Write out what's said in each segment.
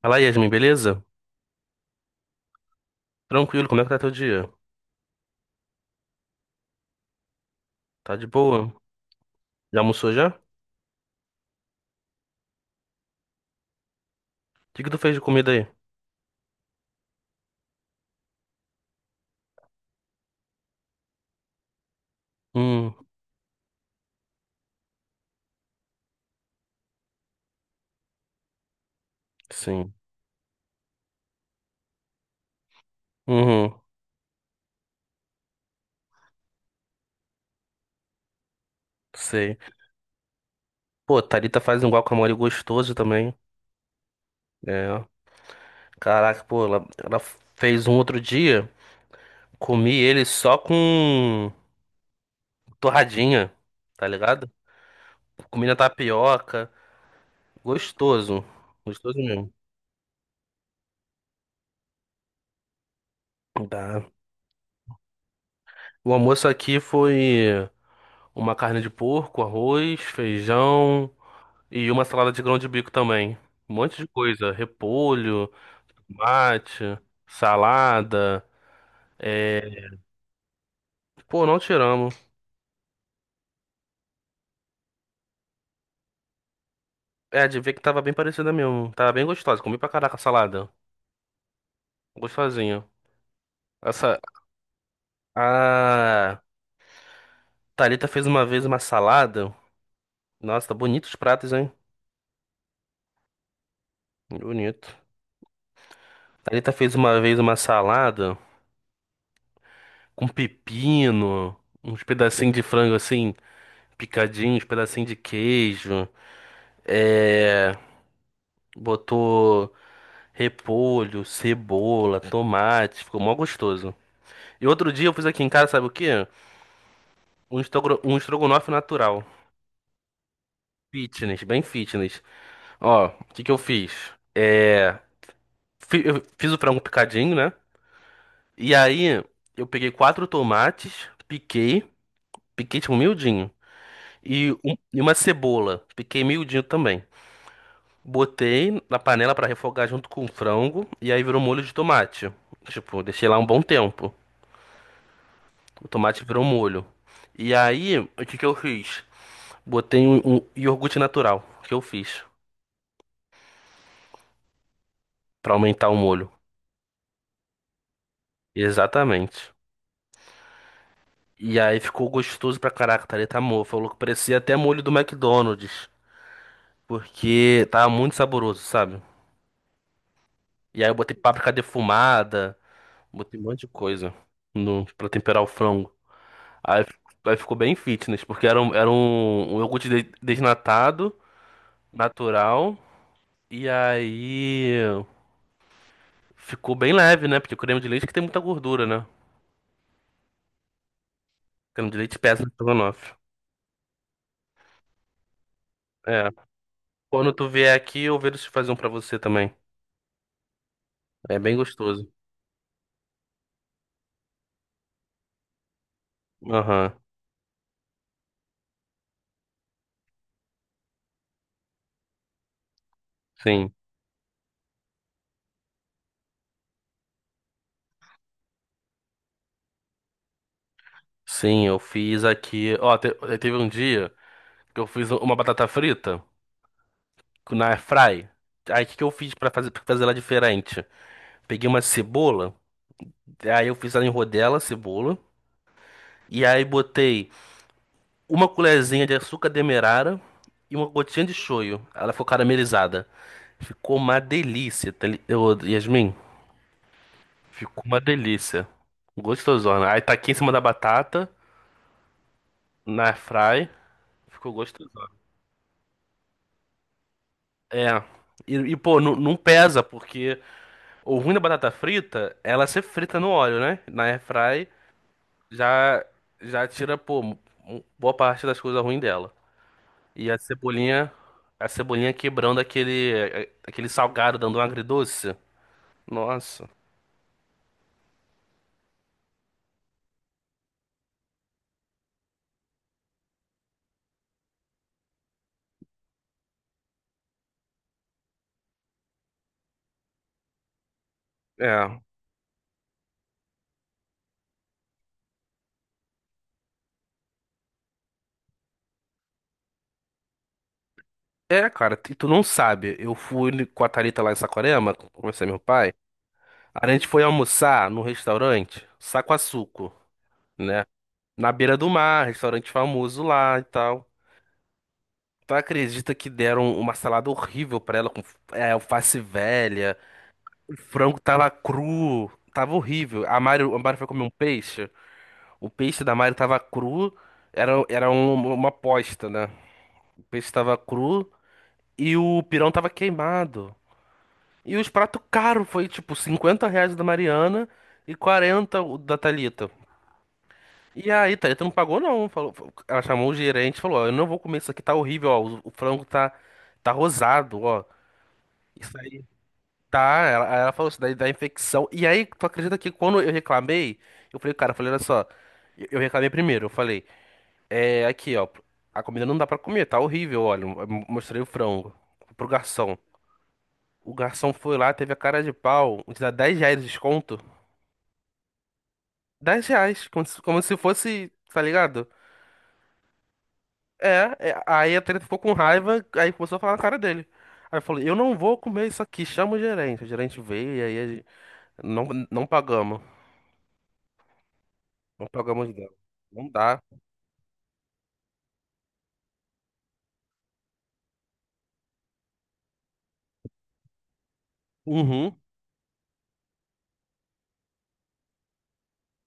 Fala, Yasmin, beleza? Tranquilo, como é que tá teu dia? Tá de boa? Já almoçou já? O que que tu fez de comida aí? Hum, sim. Uhum, sei. Pô, Thalita faz um guacamole gostoso também. É. Caraca, pô, ela fez um outro dia, comi ele só com torradinha, tá ligado? Comi na tapioca. Gostoso. Gostoso mesmo. Tá. O almoço aqui foi uma carne de porco, arroz, feijão. E uma salada de grão de bico também. Um monte de coisa. Repolho, mate, salada. É. Pô, não tiramos. É, de ver que tava bem parecida mesmo. Tava bem gostosa. Comi pra caraca a salada. Gostosinho. Essa. A Thalita fez uma vez uma salada. Nossa, tá bonito os pratos, hein? Bonito. Thalita fez uma vez uma salada com pepino, uns pedacinhos de frango assim, picadinhos, pedacinho de queijo. É. Botou. Repolho, cebola, tomate, ficou mó gostoso. E outro dia eu fiz aqui em casa, sabe o quê? Um estrogonofe natural. Fitness, bem fitness. Ó, o que que eu fiz? É... Eu fiz o frango picadinho, né? E aí eu peguei quatro tomates, piquei, tipo miudinho. E uma cebola, piquei miudinho também. Botei na panela pra refogar junto com o frango e aí virou molho de tomate. Tipo, deixei lá um bom tempo. O tomate virou molho. E aí, o que que eu fiz? Botei um iogurte natural, que eu fiz, pra aumentar o molho. Exatamente. E aí ficou gostoso pra caraca, Thalita mo Falou que parecia até molho do McDonald's, porque tava muito saboroso, sabe? E aí eu botei páprica defumada, botei um monte de coisa no, pra temperar o frango. Aí, fi- aí ficou bem fitness, porque era um iogurte desnatado, natural. E aí, ficou bem leve, né? Porque o creme de leite que tem muita gordura, né? O creme de leite pesa no estrogonofe. É. Quando tu vier aqui, eu vejo se faz um pra você também. É bem gostoso. Aham. Sim. Sim, eu fiz aqui. Ó, teve um dia que eu fiz uma batata frita na air fry. Aí o que que eu fiz pra fazer ela diferente? Peguei uma cebola, aí eu fiz ela em rodela, cebola, e aí botei uma colherzinha de açúcar demerara e uma gotinha de shoyu. Ela ficou caramelizada. Ficou uma delícia, Ô, Yasmin. Ficou uma delícia. Gostosona. Aí tá aqui em cima da batata, na air fry. Ficou gostosona. É. Pô, não, não pesa, porque o ruim da batata frita, é ela ser frita no óleo, né? Na air fry já, já tira, pô, boa parte das coisas ruins dela. E a cebolinha quebrando aquele salgado, dando um agridoce. Nossa. É. É, cara, e tu não sabe. Eu fui com a Thalita lá em Saquarema, conversei com meu pai. A gente foi almoçar num restaurante, Saquaçuco, né? Na beira do mar, restaurante famoso lá e tal. Tu acredita que deram uma salada horrível pra ela, com alface velha, o frango tava cru, tava horrível. A Mário foi comer um peixe. O peixe da Mari tava cru, era uma aposta, né? O peixe tava cru e o pirão tava queimado. E os pratos caros, foi tipo R$ 50 da Mariana e 40 o da Thalita. E aí, Thalita não pagou não, falou, ela chamou o gerente e falou, ó, eu não vou comer isso aqui, tá horrível, ó, o frango tá rosado, ó. Isso aí tá, aí ela falou, isso daí dá infecção. E aí, tu acredita que quando eu reclamei, eu falei, cara, eu falei, olha só, eu reclamei primeiro, eu falei, é, aqui, ó. A comida não dá pra comer, tá horrível, olha. Eu mostrei o frango pro garçom. O garçom foi lá, teve a cara de pau, de dar R$ 10 de desconto. R$ 10, como se fosse, tá ligado? Aí a treta ficou com raiva, aí começou a falar na cara dele. Aí eu falei, eu não vou comer isso aqui, chama o gerente. O gerente veio e aí não, não pagamos. Não pagamos dela. Não dá. Uhum.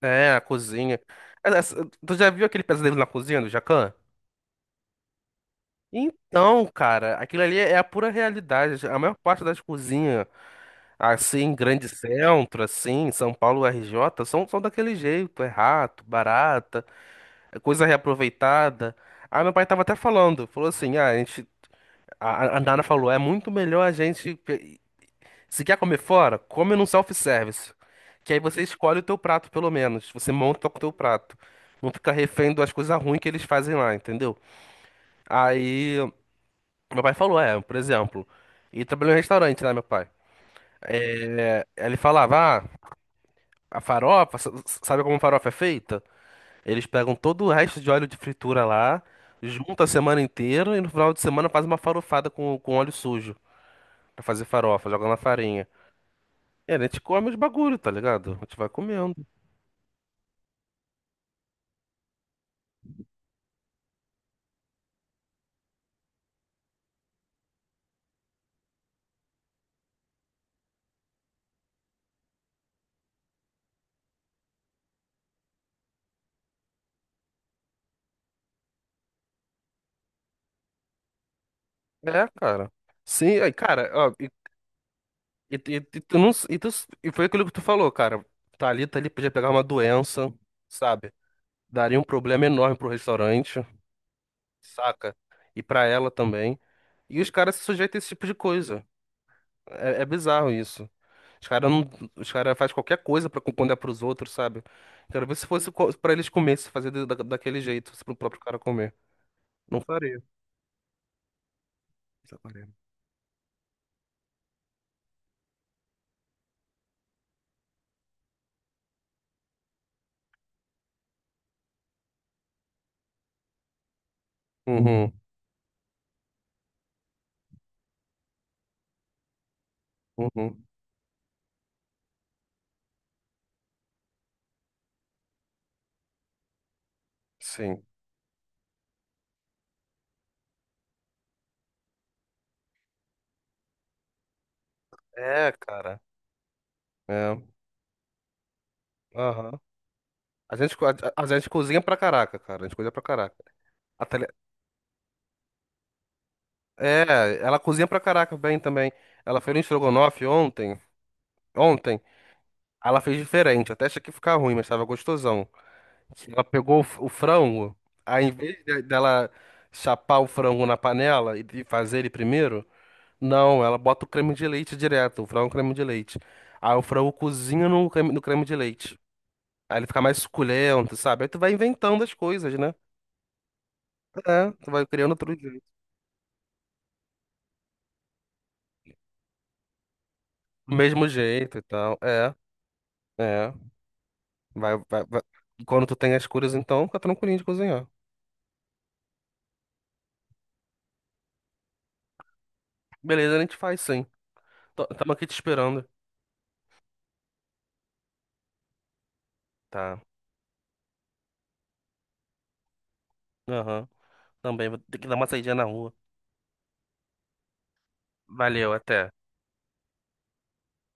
É, a cozinha. Essa- Tu já viu aquele pesadelo na cozinha do Jacan? Então, cara, aquilo ali é a pura realidade. A maior parte das cozinhas, assim, em grande centro, assim, em São Paulo, RJ, são daquele jeito. É rato, barata, é coisa reaproveitada. Ah, meu pai tava até falando, falou assim, ah, a Nana falou, é muito melhor a gente, se quer comer fora, come num self-service. Que aí você escolhe o teu prato, pelo menos. Você monta o teu prato. Não fica refém das coisas ruins que eles fazem lá, entendeu? Aí meu pai falou, é, por exemplo. E trabalhou em restaurante, né, meu pai? Ele falava, ah, a farofa, sabe como farofa é feita? Eles pegam todo o resto de óleo de fritura lá, junta a semana inteira e no final de semana faz uma farofada com óleo sujo pra fazer farofa, joga na farinha. E a gente come os bagulho, tá ligado? A gente vai comendo. É, cara. Sim, aí, cara, ó, e tu não, e foi aquilo que tu falou, cara. Tá ali, podia pegar uma doença, sabe? Daria um problema enorme pro restaurante. Saca? E pra ela também. E os caras se sujeitam a esse tipo de coisa. É bizarro isso. Os caras não, os cara faz qualquer coisa pra contar pros outros, sabe? Quero ver se fosse pra eles comer, se fazer daquele jeito, se pro próprio cara comer. Não faria. Isso é faria. Uhum, uhum, sim. É, cara. É, aham. A gente cozinha pra caraca, cara. A gente cozinha pra caraca. A tele- É, ela cozinha pra caraca bem também. Ela fez um estrogonofe ontem. Ontem. Aí ela fez diferente, até achei que ia ficar ruim, mas tava gostosão. Ela pegou o frango, aí em vez dela chapar o frango na panela e fazer ele primeiro, não, ela bota o creme de leite direto, o frango creme de leite. Aí o frango cozinha no creme de leite. Aí ele fica mais suculento, sabe? Aí tu vai inventando as coisas, né? É, tu vai criando outro jeito. Do mesmo jeito e tal. É. Vai, vai, vai. E quando tu tem as curas, então, fica tranquilinho de cozinhar. Beleza, a gente faz sim. Tamo aqui te esperando. Tá. Aham. Também vou ter que dar uma saída na rua. Valeu, até.